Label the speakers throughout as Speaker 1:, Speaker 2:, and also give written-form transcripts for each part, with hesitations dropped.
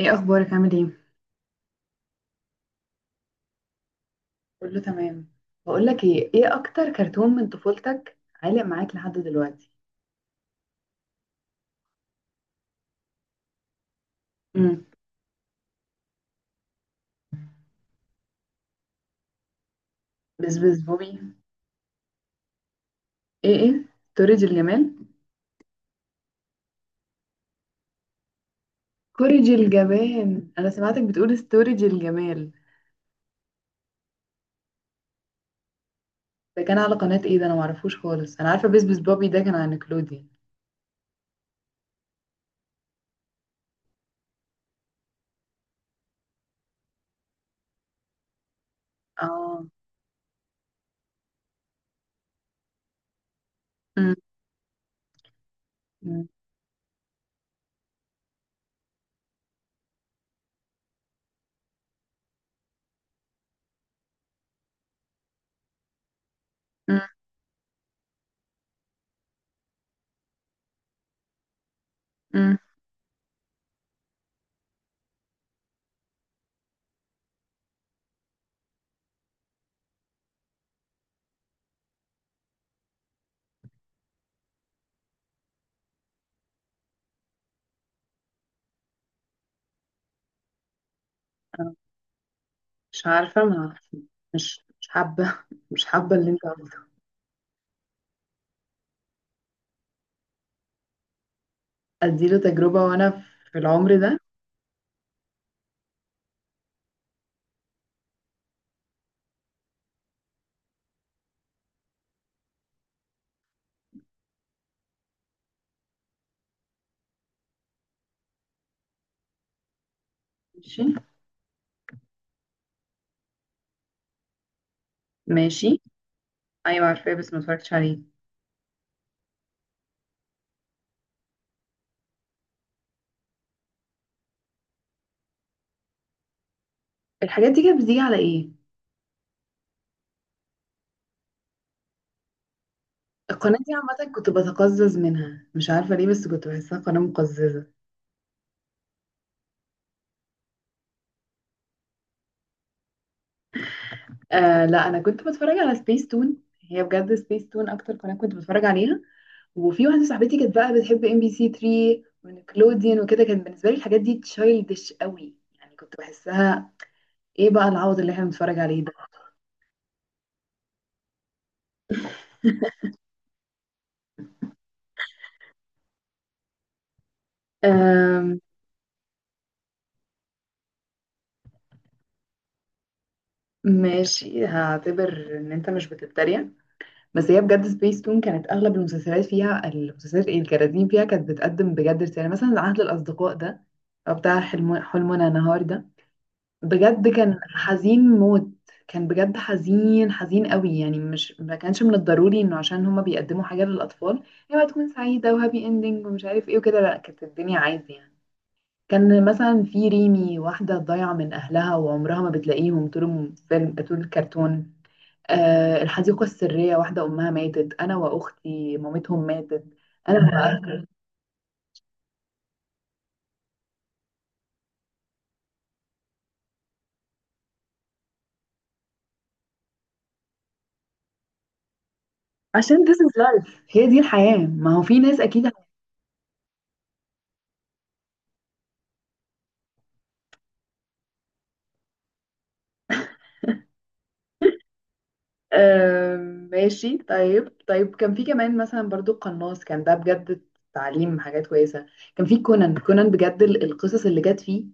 Speaker 1: ايه اخبارك؟ عامل ايه؟ كله تمام. بقول لك ايه اكتر كرتون من طفولتك عالق معاك لحد دلوقتي؟ امم بس بس بوبي. ايه ستورج الجمال. كوريج الجبان؟ انا سمعتك بتقول ستورج الجمال. ده كان على قناة ايه؟ ده انا معرفوش خالص. انا عارفة بس بس بوبي ده كان على نيكلوديان. اه. امم امم امم أمم. أنا مش عارفة ما عارفة. مش حابة مش حابة اللي انت عملته. اديله تجربة وانا في العمر ده؟ ماشي. ماشي، ايوه عارفاه بس ما اتفرجتش عليه. الحاجات دي كانت بتيجي على ايه؟ القناة دي عامة كنت بتقزز منها، مش عارفة ليه، بس كنت بحسها قناة مقززة. آه لا، أنا كنت بتفرج على سبيس تون. هي بجد سبيس تون أكتر قناة كنت بتفرج عليها. وفي واحدة صاحبتي كانت بقى بتحب ام بي سي 3 ونيكلوديان وكده، كان بالنسبة لي الحاجات دي تشايلدش قوي يعني، كنت بحسها ايه بقى العوض اللي احنا بنتفرج عليه ده. آم، ماشي، هعتبر ان انت مش بتتريق. بس هي بجد سبيس تون كانت اغلب المسلسلات فيها، المسلسلات ايه، الكراتين فيها كانت بتقدم بجد رساله. يعني مثلا عهد الاصدقاء ده او بتاع حلم حلمنا نهار ده، بجد كان حزين موت. كان بجد حزين، حزين قوي يعني، مش ما كانش من الضروري انه عشان هما بيقدموا حاجه للاطفال هي تكون سعيده وهابي اندنج ومش عارف ايه وكده. لا، كانت الدنيا عادي يعني. كان مثلا في ريمي، واحده ضايعه من اهلها وعمرها ما بتلاقيهم طول الفيلم، طول الكرتون. الحديقة السرية، واحدة أمها ماتت. أنا وأختي مامتهم ماتت. أنا ياه. عشان this is life، هي دي الحياة، ما هو في ناس أكيد. ماشي، طيب طيب، كان في كمان مثلا برضو قناص، كان ده بجد تعليم حاجات كويسة. كان في كونان. كونان بجد القصص اللي جت فيه،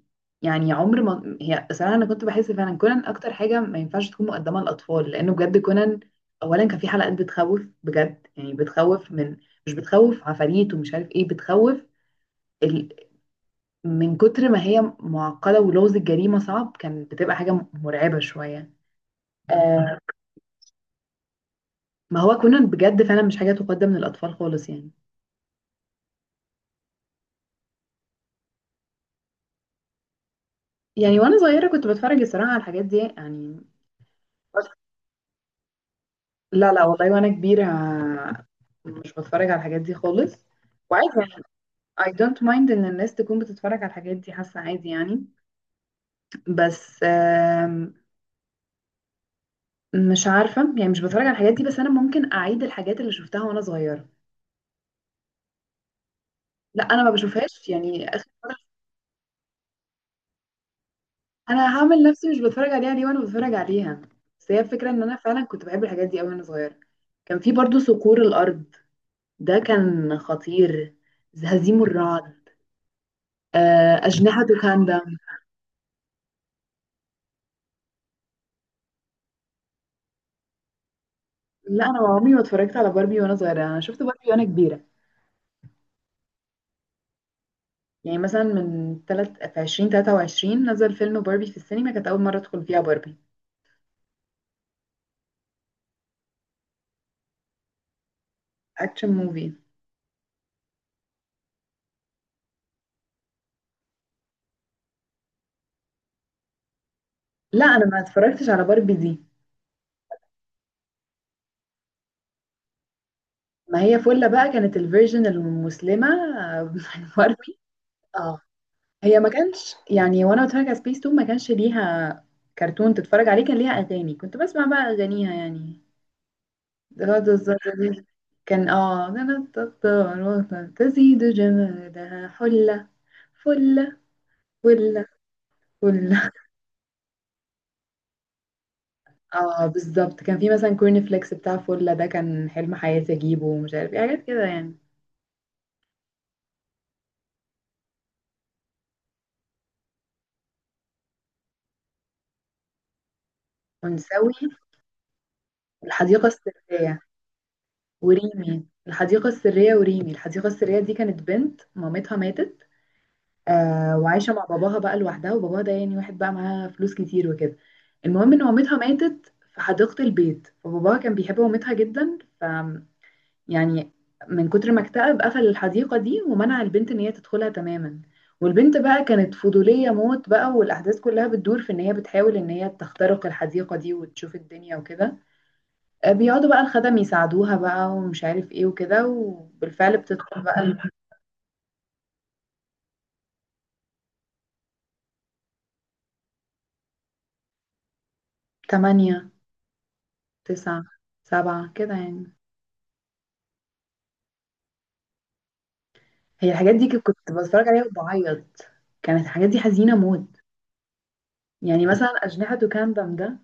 Speaker 1: يعني عمر ما، هي صراحة أنا كنت بحس فعلا كونان أكتر حاجة ما ينفعش تكون مقدمة للأطفال. لأنه بجد كونان أولا كان في حلقات بتخوف بجد. يعني بتخوف من، مش بتخوف عفاريت ومش عارف إيه، بتخوف ال... من كتر ما هي معقدة ولغز الجريمة صعب، كان بتبقى حاجة مرعبة شوية. آه، ما هو كونان بجد فعلا مش حاجة تقدم للأطفال خالص يعني. يعني وأنا صغيرة كنت بتفرج الصراحة على الحاجات دي يعني، بس لا لا والله، وأنا كبيرة مش بتفرج على الحاجات دي خالص. وعادي يعني، I don't mind إن الناس تكون بتتفرج على الحاجات دي، حاسة عادي يعني. بس مش عارفة يعني، مش بتفرج على الحاجات دي، بس أنا ممكن أعيد الحاجات اللي شفتها وأنا صغيرة. لا أنا ما بشوفهاش يعني آخر. انا هعمل نفسي مش بتفرج عليها ليه وانا بتفرج عليها؟ بس هي الفكره ان انا فعلا كنت بحب الحاجات دي قوي وانا صغيره. كان في برضو صقور الارض، ده كان خطير. هزيم الرعد. اجنحه كاندا. لا، انا عمري ما اتفرجت على باربي وانا صغيره. انا شفت باربي وانا كبيره. يعني مثلا من تلت في 2023 نزل فيلم باربي في السينما، كانت اول مره ادخل فيها باربي. اكشن موفي. لا، انا ما اتفرجتش على باربي دي. ما هي فله بقى كانت الفيرجن المسلمه. بتاع باربي. اه، هي ما كانش يعني وانا بتفرج على سبيس تون ما كانش ليها كرتون تتفرج عليه. كان ليها اغاني، كنت بسمع بقى اغانيها يعني. غدا الزهرة دي. كان اه كانت الطاروس، تزيد جمالها حلة. فلة. فلة. فلة. اه بالظبط، كان في مثلا كورن فليكس بتاع فلة ده، كان حلم حياتي اجيبه ومش عارف ايه حاجات كده يعني. ونسوي، الحديقة السرية وريمي. الحديقة السرية وريمي الحديقة السرية دي، كانت بنت مامتها ماتت. آه وعايشه مع باباها بقى لوحدها، وباباها ده يعني واحد بقى معاه فلوس كتير وكده. المهم ان مامتها ماتت في حديقه البيت، فباباها كان بيحب مامتها جدا، ف يعني من كتر ما اكتئب قفل الحديقه دي ومنع البنت ان هي تدخلها تماما. والبنت بقى كانت فضوليه موت بقى، والاحداث كلها بتدور في ان هي بتحاول ان هي تخترق الحديقه دي وتشوف الدنيا وكده. بيقعدوا بقى الخدم يساعدوها بقى ومش عارف ايه وكده، وبالفعل بتدخل بقى. تمانية، تسعة، سبعة كده يعني. هي الحاجات دي كنت بتفرج عليها وبعيط. كانت الحاجات دي حزينة موت. يعني مثلا أجنحة كاندم ده،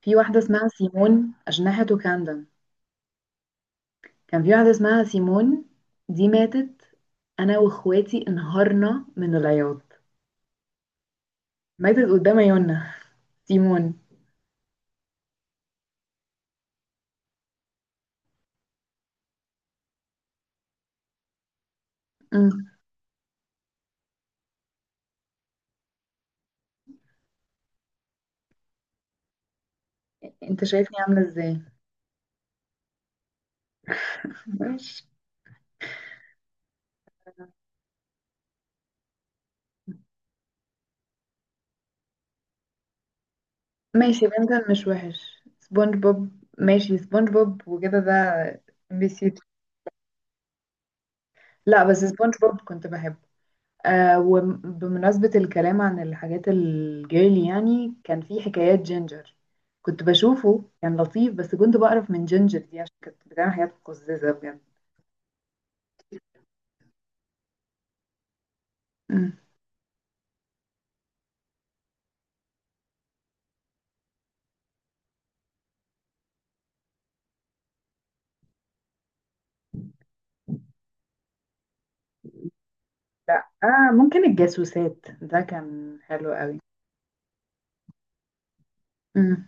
Speaker 1: في واحدة اسمها سيمون. أجنحة كاندم، كان في واحدة اسمها سيمون، دي ماتت. أنا وإخواتي انهارنا من العياط. ماتت قدام عيوننا سيمون. أمم. انت شايفني عاملة ازاي؟ ماشي. ماشي، بنتن مش وحش. سبونج بوب، ماشي، سبونج بوب وكده ده ام بي سي. لا بس سبونج بوب كنت بحبه. آه، وبمناسبة الكلام عن الحاجات الجيرلي يعني، كان في حكايات جينجر، كنت بشوفه كان لطيف بس كنت بقرف من جينجر دي عشان كانت بتعمل حاجات مقززة بجد. مم. لا آه، ممكن الجاسوسات، ده كان حلو قوي. مم.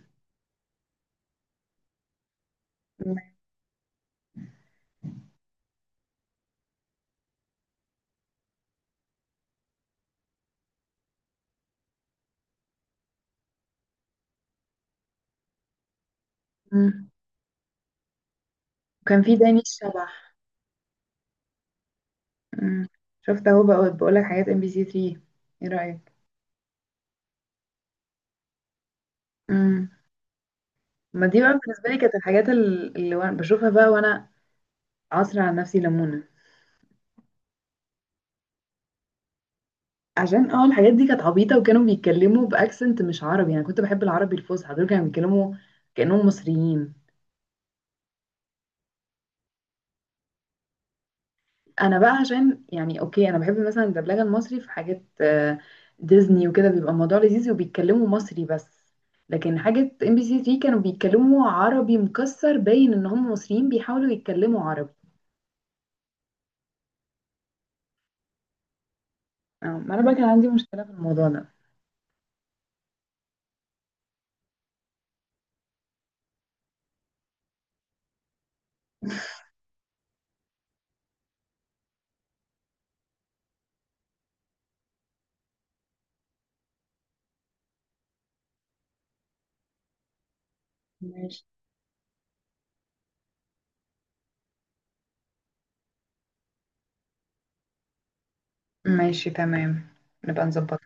Speaker 1: مم. وكان في داني الشبح. مم. شفت اهو، بقول بقولك حاجات ام بي سي 3، ايه رأيك؟ مم. ما دي بقى بالنسبة لي كانت الحاجات اللي بشوفها بقى وانا عصر على نفسي ليمونة. عشان اه الحاجات دي كانت عبيطة وكانوا بيتكلموا بأكسنت مش عربي. أنا كنت بحب العربي الفصحى، دول كانوا بيتكلموا كأنهم مصريين. أنا بقى عشان يعني، أوكي أنا بحب مثلا الدبلجة المصري في حاجات، ديزني وكده بيبقى الموضوع لذيذ وبيتكلموا مصري بس. لكن حاجة ام بي سي 3 كانوا بيتكلموا عربي مكسر، باين إن هم مصريين بيحاولوا يتكلموا عربي. ما أنا بقى كان عندي مشكلة في الموضوع ده. ماشي. ماشي تمام، نبقى نظبط.